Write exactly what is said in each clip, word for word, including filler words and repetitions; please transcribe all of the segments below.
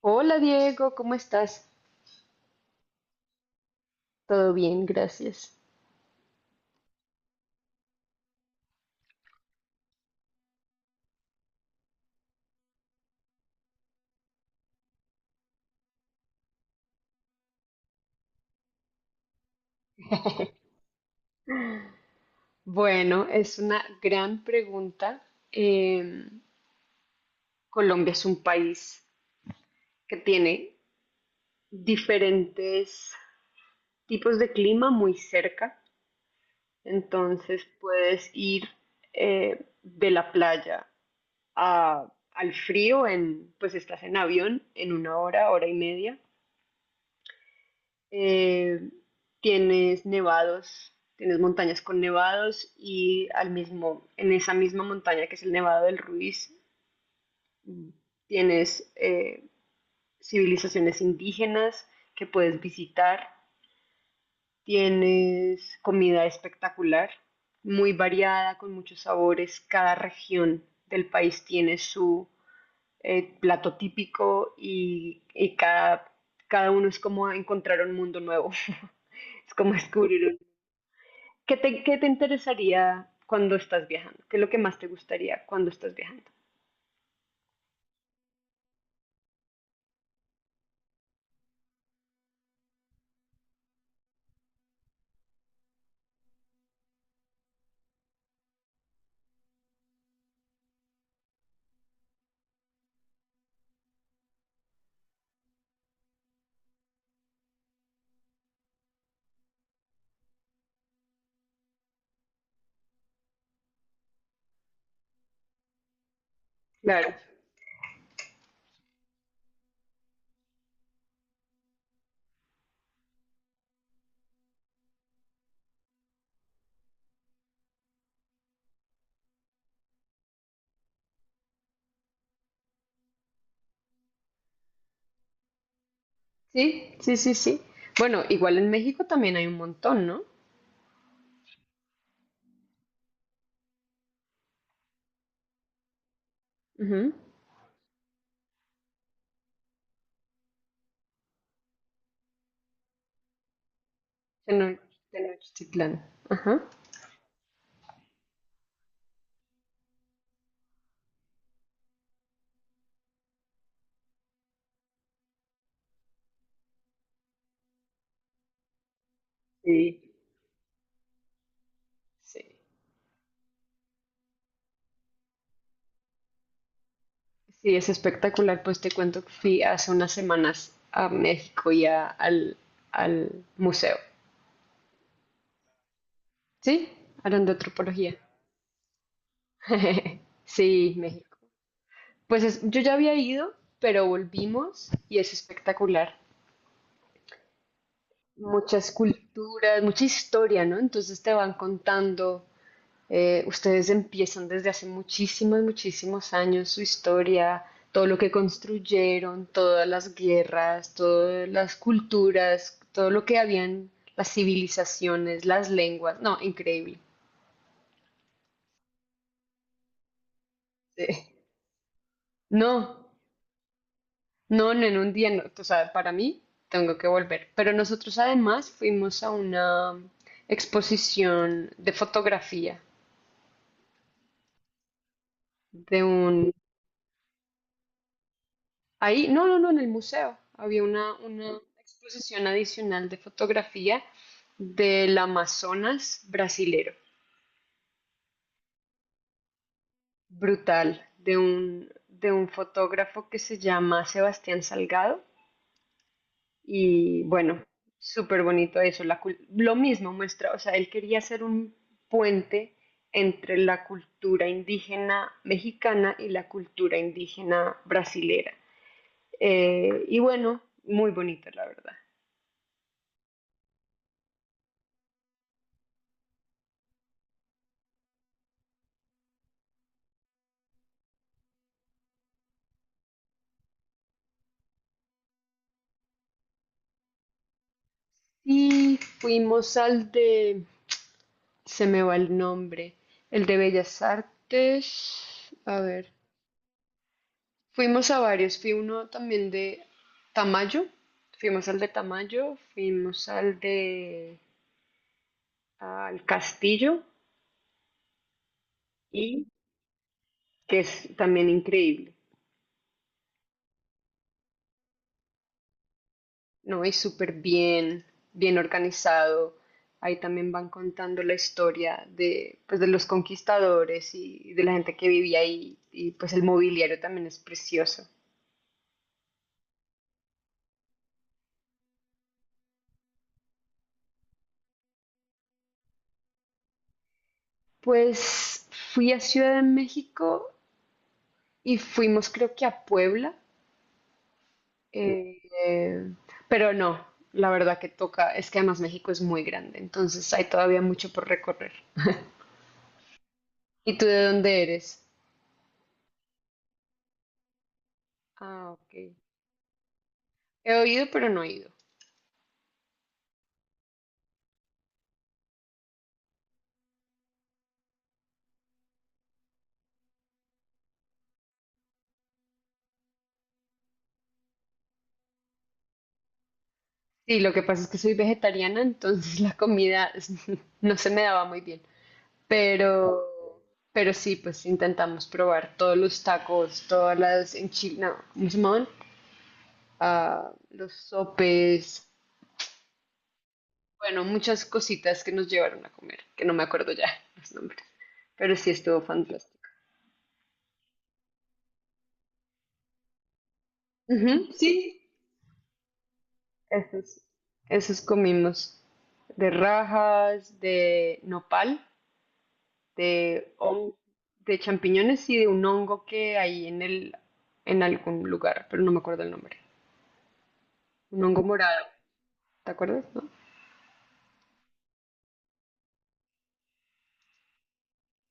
Hola Diego, ¿cómo estás? Todo bien, gracias. Bueno, es una gran pregunta. Em, Colombia es un país que tiene diferentes tipos de clima muy cerca, entonces puedes ir eh, de la playa a- al frío en, pues estás en avión en una hora, hora y media, eh, tienes nevados, tienes montañas con nevados y al mismo, en esa misma montaña que es el Nevado del Ruiz, mm, tienes eh, civilizaciones indígenas que puedes visitar, tienes comida espectacular, muy variada, con muchos sabores, cada región del país tiene su eh, plato típico y, y cada, cada uno es como encontrar un mundo nuevo. Es como descubrir. ¿Qué te, qué te interesaría cuando estás viajando? ¿Qué es lo que más te gustaría cuando estás viajando? Claro. Sí, sí, sí, sí. Bueno, igual en México también hay un montón, ¿no? Ujú. Teno- Tenochtitlán. Ajá. Sí. Sí. Sí, es espectacular. Pues te cuento que fui hace unas semanas a México y a- al, al museo. Sí, hablan de antropología. Sí, México. Pues es- yo ya había ido, pero volvimos y es espectacular. Muchas culturas, mucha historia, ¿no? Entonces te van contando, eh, ustedes empiezan desde hace muchísimos, muchísimos años su historia, todo lo que construyeron, todas las guerras, todas las culturas, todo lo que habían, las civilizaciones, las lenguas, no, increíble. Sí. No, no, no, en un día, no. O sea, para mí tengo que volver. Pero nosotros además fuimos a una exposición de fotografía de un Ahí, no, no, no, en el museo había una, una exposición adicional de fotografía del Amazonas brasilero, brutal, de un, de un fotógrafo que se llama Sebastián Salgado. Y bueno, súper bonito eso. La, cul- lo mismo muestra, o sea, él quería hacer un puente entre la cultura indígena mexicana y la cultura indígena brasilera. Eh, y bueno, muy bonito, la verdad. Sí, fuimos al de, se me va el nombre, el de Bellas Artes, a ver, fuimos a varios, fui uno también de Tamayo, fuimos al de Tamayo, fuimos al de, al Castillo, y que es también increíble. No, y súper bien, bien organizado. Ahí también van contando la historia de, pues, de los conquistadores y de la gente que vivía ahí. Y pues el mobiliario también es precioso. Pues fui a Ciudad de México y fuimos creo que a Puebla. eh, pero no, la verdad que toca, es que además México es muy grande, entonces hay todavía mucho por recorrer. ¿Y tú de dónde eres? Ah, ok. He oído, pero no he ido. Sí, lo que pasa es que soy vegetariana, entonces la comida es- no se me daba muy bien. Pero, pero sí, pues intentamos probar todos los tacos, todas las enchiladas, ¿cómo se llamaban? Ah, los sopes, bueno, muchas cositas que nos llevaron a comer, que no me acuerdo ya los nombres, pero sí estuvo fantástico. Ujú, sí, esos, esos comimos de rajas, de nopal. de, hon- de champiñones y de un hongo que hay en el, en algún lugar, pero no me acuerdo el nombre. Un hongo morado, ¿te acuerdas? ¿No?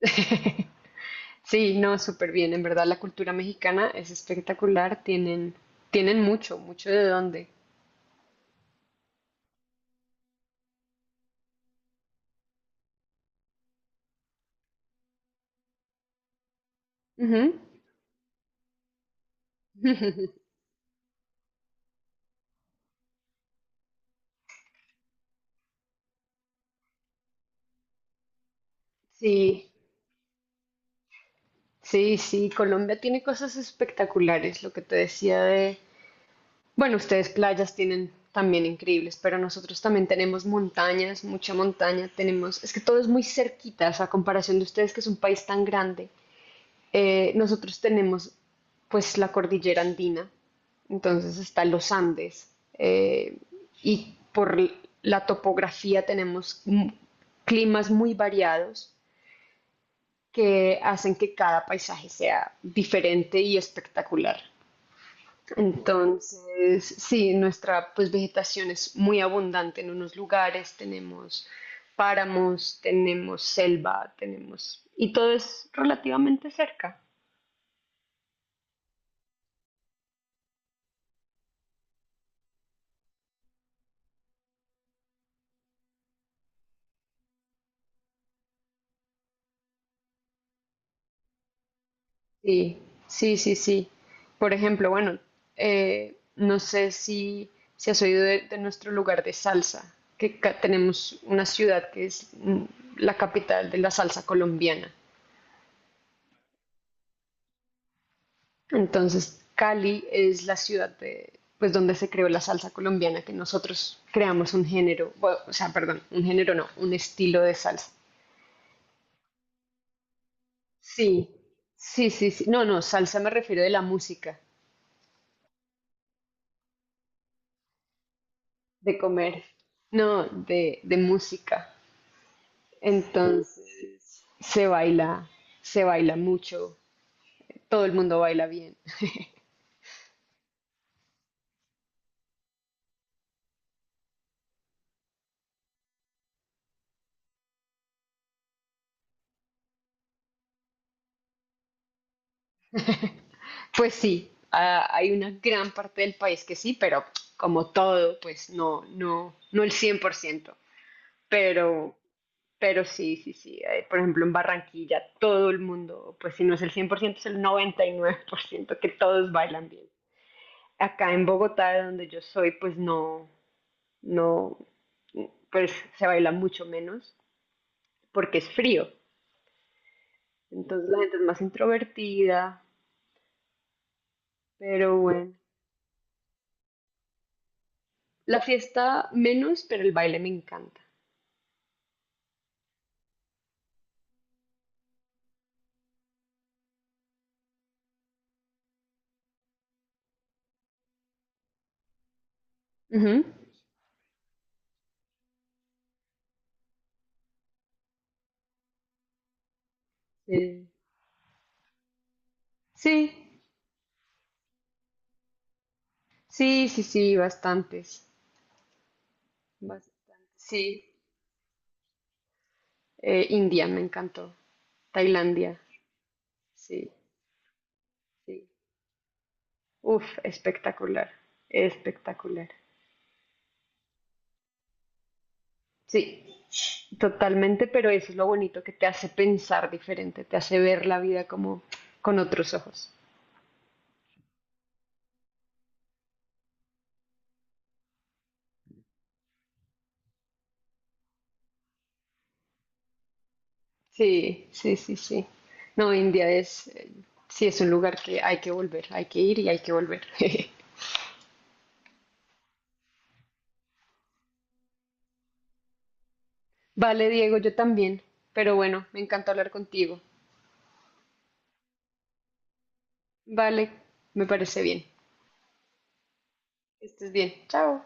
Sí, no, súper bien. En verdad, la cultura mexicana es espectacular. Tienen, tienen mucho, mucho de dónde. Ujú. Sí, sí, sí. Colombia tiene cosas espectaculares. Lo que te decía de Bueno, ustedes playas tienen también increíbles, pero nosotros también tenemos montañas, mucha montaña, tenemos, es que todo es muy cerquita, a comparación de ustedes que es un país tan grande, eh, nosotros tenemos pues la cordillera andina, entonces están los Andes, eh, y por la topografía tenemos climas muy variados que hacen que cada paisaje sea diferente y espectacular. Entonces, sí, nuestra pues vegetación es muy abundante en unos lugares, tenemos páramos, tenemos selva, tenemos y todo es relativamente cerca. Sí, sí, sí, sí. Por ejemplo, bueno, eh, no sé si, si has oído de, de nuestro lugar de salsa, que ca- tenemos una ciudad que es mm, la capital de la salsa colombiana. Entonces, Cali es la ciudad de, pues, donde se creó la salsa colombiana, que nosotros creamos un género, bueno, o sea, perdón, un género no, un estilo de salsa. Sí, sí, sí, sí. No, no, salsa me refiero de la música, de comer, no, de, de música. Entonces, se baila, se baila mucho, todo el mundo baila bien. Pues sí, ah, hay una gran parte del país que sí, pero como todo, pues no, no, no el cien por ciento. Pero, Pero sí, sí, sí. eh, por ejemplo, en Barranquilla todo el mundo, pues si no es el cien por ciento es el noventa y nueve por ciento que todos bailan bien. Acá en Bogotá, de donde yo soy, pues no, no, pues se baila mucho menos porque es frío. Entonces la gente es más introvertida, pero bueno. La fiesta menos, pero el baile me encanta. Ujú, sí, sí, sí, sí, sí, bastantes. Bastantes. Sí, Eh, India me encantó. Tailandia. Sí, sí. Uf, espectacular, espectacular. Sí, totalmente, pero eso es lo bonito que te hace pensar diferente, te hace ver la vida como con otros ojos. Sí, sí, sí, sí. No, India es, eh, sí, es un lugar que hay que volver, hay que ir y hay que volver. Vale, Diego, yo también, pero bueno, me encantó hablar contigo. Vale, me parece bien. Que estés bien. Chao.